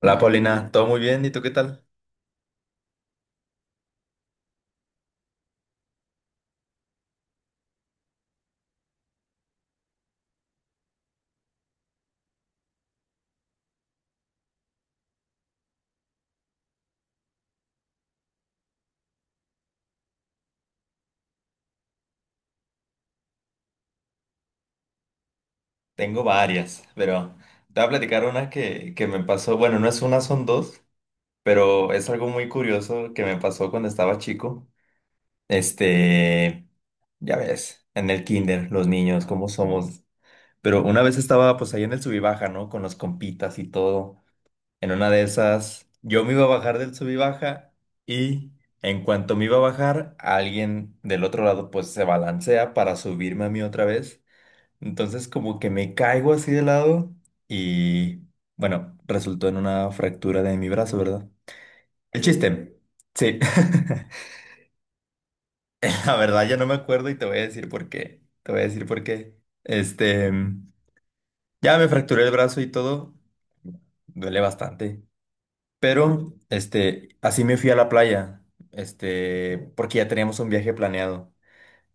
Hola Paulina, ¿todo muy bien? ¿Y tú qué tal? Tengo varias, pero te voy a platicar una que me pasó, bueno, no es una, son dos, pero es algo muy curioso que me pasó cuando estaba chico. Este, ya ves, en el kinder, los niños, cómo somos. Pero una vez estaba pues ahí en el subibaja, ¿no? Con los compitas y todo. En una de esas, yo me iba a bajar del subibaja y en cuanto me iba a bajar, alguien del otro lado pues se balancea para subirme a mí otra vez. Entonces como que me caigo así de lado y bueno, resultó en una fractura de mi brazo, ¿verdad? El chiste. Sí. La verdad ya no me acuerdo y te voy a decir por qué. Te voy a decir por qué. Este, ya me fracturé el brazo y todo. Duele bastante. Pero, así me fui a la playa. Porque ya teníamos un viaje planeado.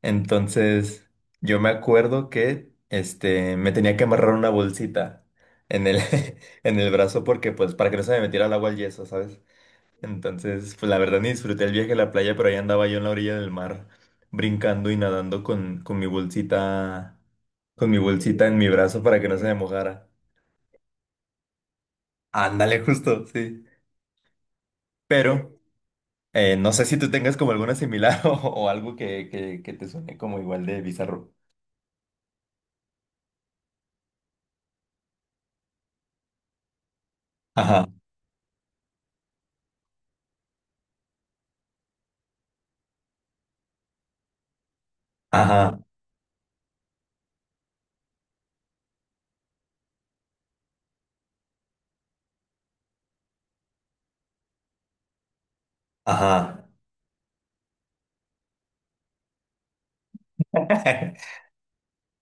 Entonces, yo me acuerdo que me tenía que amarrar una bolsita en el, en el brazo porque, pues, para que no se me metiera el agua al yeso, ¿sabes? Entonces, pues, la verdad ni disfruté el viaje a la playa, pero ahí andaba yo en la orilla del mar, brincando y nadando con mi bolsita, con mi bolsita en mi brazo para que no se me mojara. Ándale, justo, sí. Pero, no sé si tú tengas como alguna similar o algo que te suene como igual de bizarro. Ajá, ajá, ajá.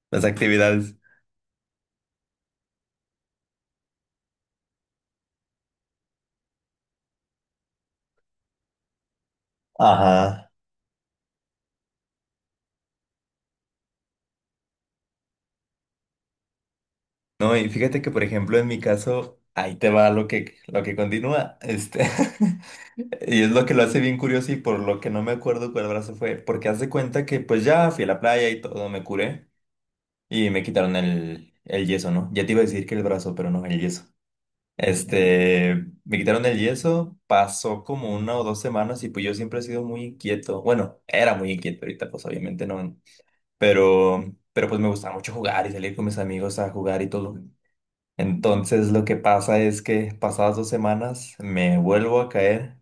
Las actividades. Ajá. No, y fíjate que, por ejemplo, en mi caso, ahí te va lo que continúa. Y es lo que lo hace bien curioso y por lo que no me acuerdo cuál brazo fue. Porque haz de cuenta que, pues ya fui a la playa y todo, me curé y me quitaron el yeso, ¿no? Ya te iba a decir que el brazo, pero no, el yeso. Este, Me quitaron el yeso, pasó como una o 2 semanas y pues yo siempre he sido muy inquieto. Bueno, era muy inquieto, ahorita pues obviamente no, pero, pero pues me gustaba mucho jugar y salir con mis amigos a jugar y todo. Entonces lo que pasa es que pasadas 2 semanas me vuelvo a caer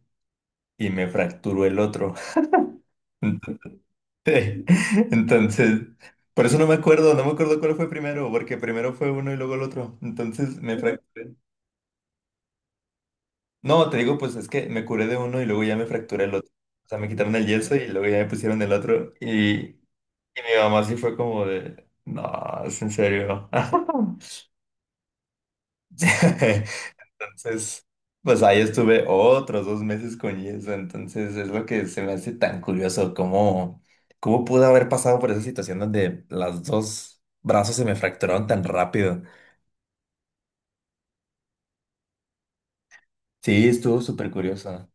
y me fracturó el otro. Entonces, entonces, por eso no me acuerdo cuál fue primero, porque primero fue uno y luego el otro. Entonces me fracturé. No, te digo, pues es que me curé de uno y luego ya me fracturé el otro. O sea, me quitaron el yeso y luego ya me pusieron el otro. Y mi mamá sí fue como de, no, es en serio. Entonces, pues ahí estuve otros 2 meses con eso. Entonces, es lo que se me hace tan curioso, cómo, cómo pude haber pasado por esa situación donde las dos brazos se me fracturaron tan rápido. Sí, estuvo súper curioso.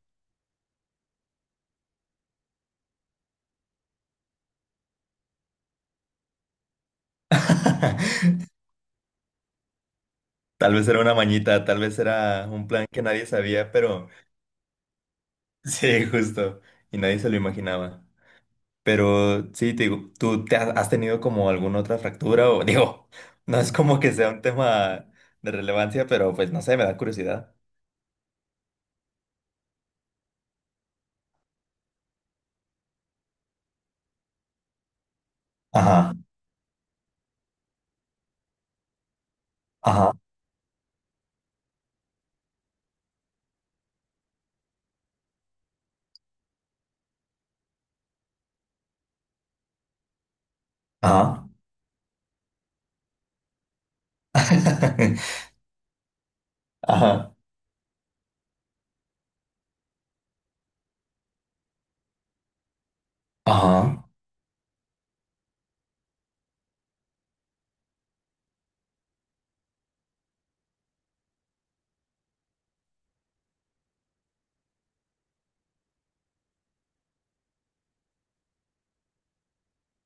Tal vez era una mañita, tal vez era un plan que nadie sabía, pero sí, justo, y nadie se lo imaginaba. Pero sí, te digo, ¿tú has tenido como alguna otra fractura? O digo, no es como que sea un tema de relevancia, pero pues no sé, me da curiosidad. Ajá, ajá, ajá. Ajá. Ajá,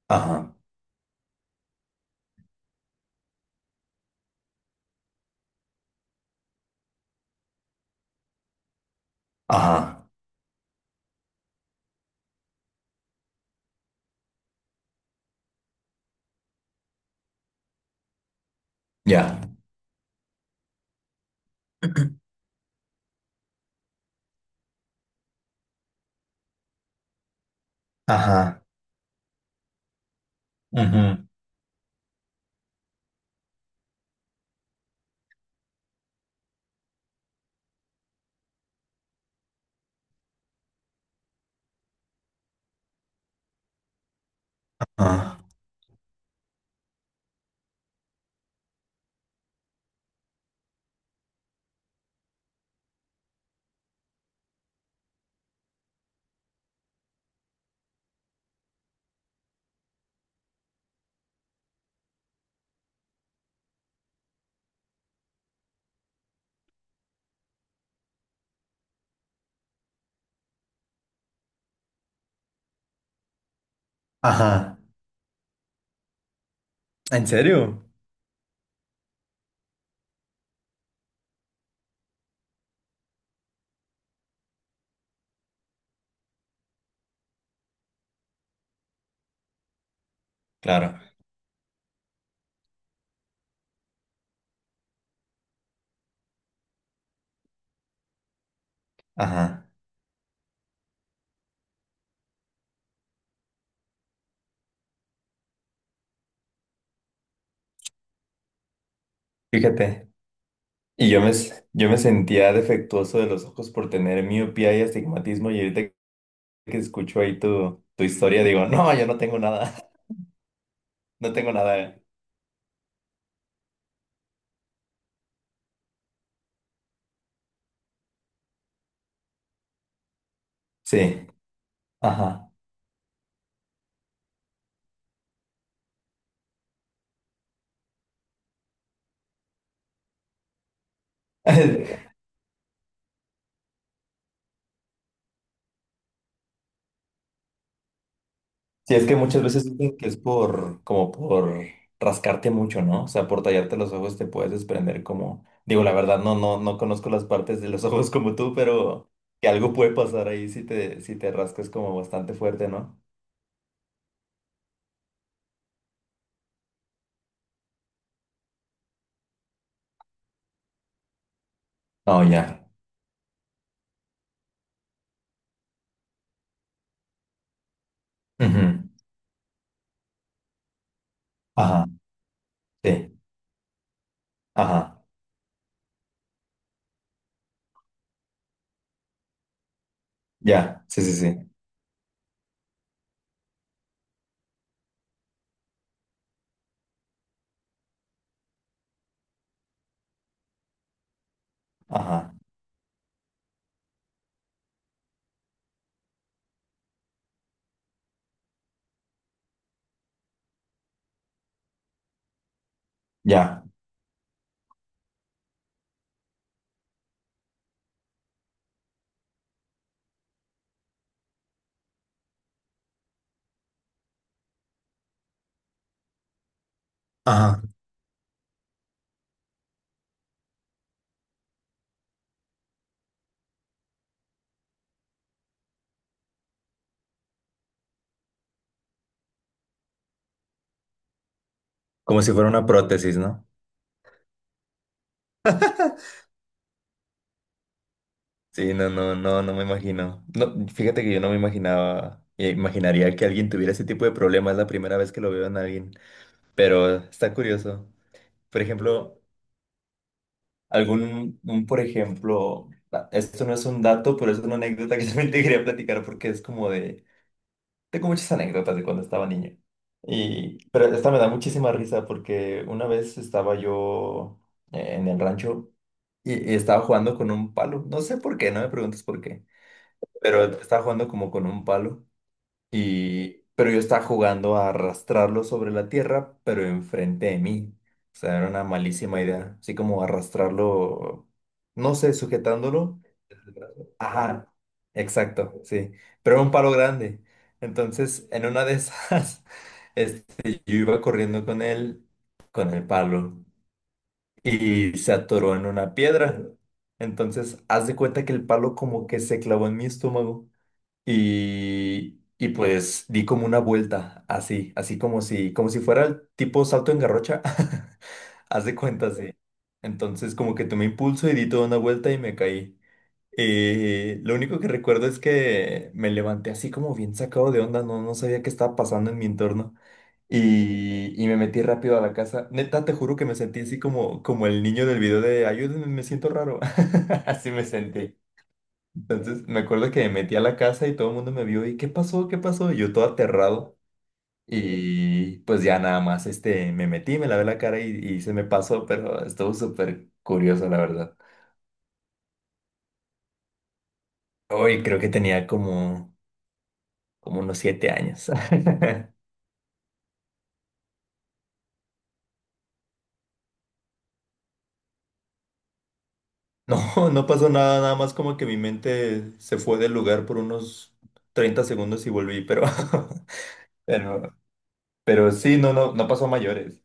ajá, ajá. Ya. Ajá, ujú, ajá, ajá. ¿En serio? Claro, ajá. Fíjate. Y yo yo me sentía defectuoso de los ojos por tener miopía y astigmatismo, y ahorita que escucho ahí tu historia, digo, no, yo no tengo nada. No tengo nada. Sí, ajá. Sí, es que muchas veces dicen que es por, como por rascarte mucho, ¿no? O sea, por tallarte los ojos te puedes desprender como, digo, la verdad, no, no, no conozco las partes de los ojos como tú, pero que algo puede pasar ahí si te rascas como bastante fuerte, ¿no? Oh, ya. Ujú. Ajá, sí, ajá, ya, sí, sí, sí, ajá, ya. Ajá. Como si fuera una prótesis, ¿no? Sí, no, no, no, no me imagino. No, fíjate que yo no me imaginaba, imaginaría que alguien tuviera ese tipo de problemas. Es la primera vez que lo veo en alguien, pero está curioso. Por ejemplo, algún, un, por ejemplo, ah, esto no es un dato, pero es una anécdota que también te quería platicar porque es como de, tengo muchas anécdotas de cuando estaba niño. Y, pero esta me da muchísima risa porque una vez estaba yo en el rancho y estaba jugando con un palo. No sé por qué, no me preguntes por qué. Pero estaba jugando como con un palo y pero yo estaba jugando a arrastrarlo sobre la tierra, pero enfrente de mí. O sea, era una malísima idea, así como arrastrarlo, no sé, sujetándolo. Ajá, exacto, sí, pero era un palo grande. Entonces, en una de esas, yo iba corriendo con él, con el palo y se atoró en una piedra. Entonces, haz de cuenta que el palo como que se clavó en mi estómago. Y pues di como una vuelta, así, así como si fuera el tipo salto en garrocha. Haz de cuenta, sí. Entonces como que tomé impulso y di toda una vuelta y me caí. Lo único que recuerdo es que me levanté así como bien sacado de onda, no, no sabía qué estaba pasando en mi entorno. Y me metí rápido a la casa. Neta, te juro que me sentí así como, como el niño del video de ayúdenme, me siento raro. Así me sentí. Entonces me acuerdo que me metí a la casa y todo el mundo me vio y ¿qué pasó? ¿Qué pasó? Y yo todo aterrado. Y pues ya nada más me metí, me lavé la cara y se me pasó, pero estuvo súper curioso, la verdad. Hoy creo que tenía como, como unos 7 años. No, no pasó nada, nada más como que mi mente se fue del lugar por unos 30 segundos y volví, pero, pero, pero sí, no, no, no pasó a mayores.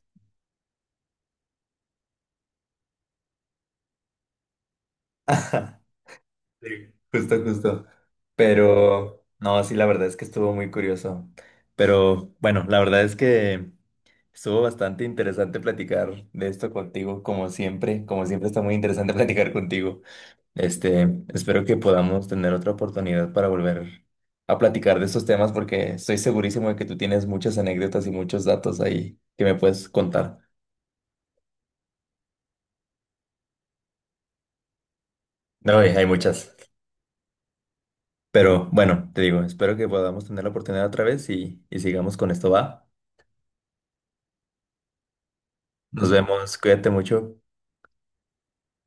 Sí. Justo, justo. Pero no, sí, la verdad es que estuvo muy curioso. Pero bueno, la verdad es que estuvo bastante interesante platicar de esto contigo, como siempre. Como siempre está muy interesante platicar contigo. Espero que podamos tener otra oportunidad para volver a platicar de estos temas porque estoy segurísimo de que tú tienes muchas anécdotas y muchos datos ahí que me puedes contar. No, y hay muchas. Pero bueno, te digo, espero que podamos tener la oportunidad otra vez y sigamos con esto, ¿va? Nos vemos, cuídate mucho.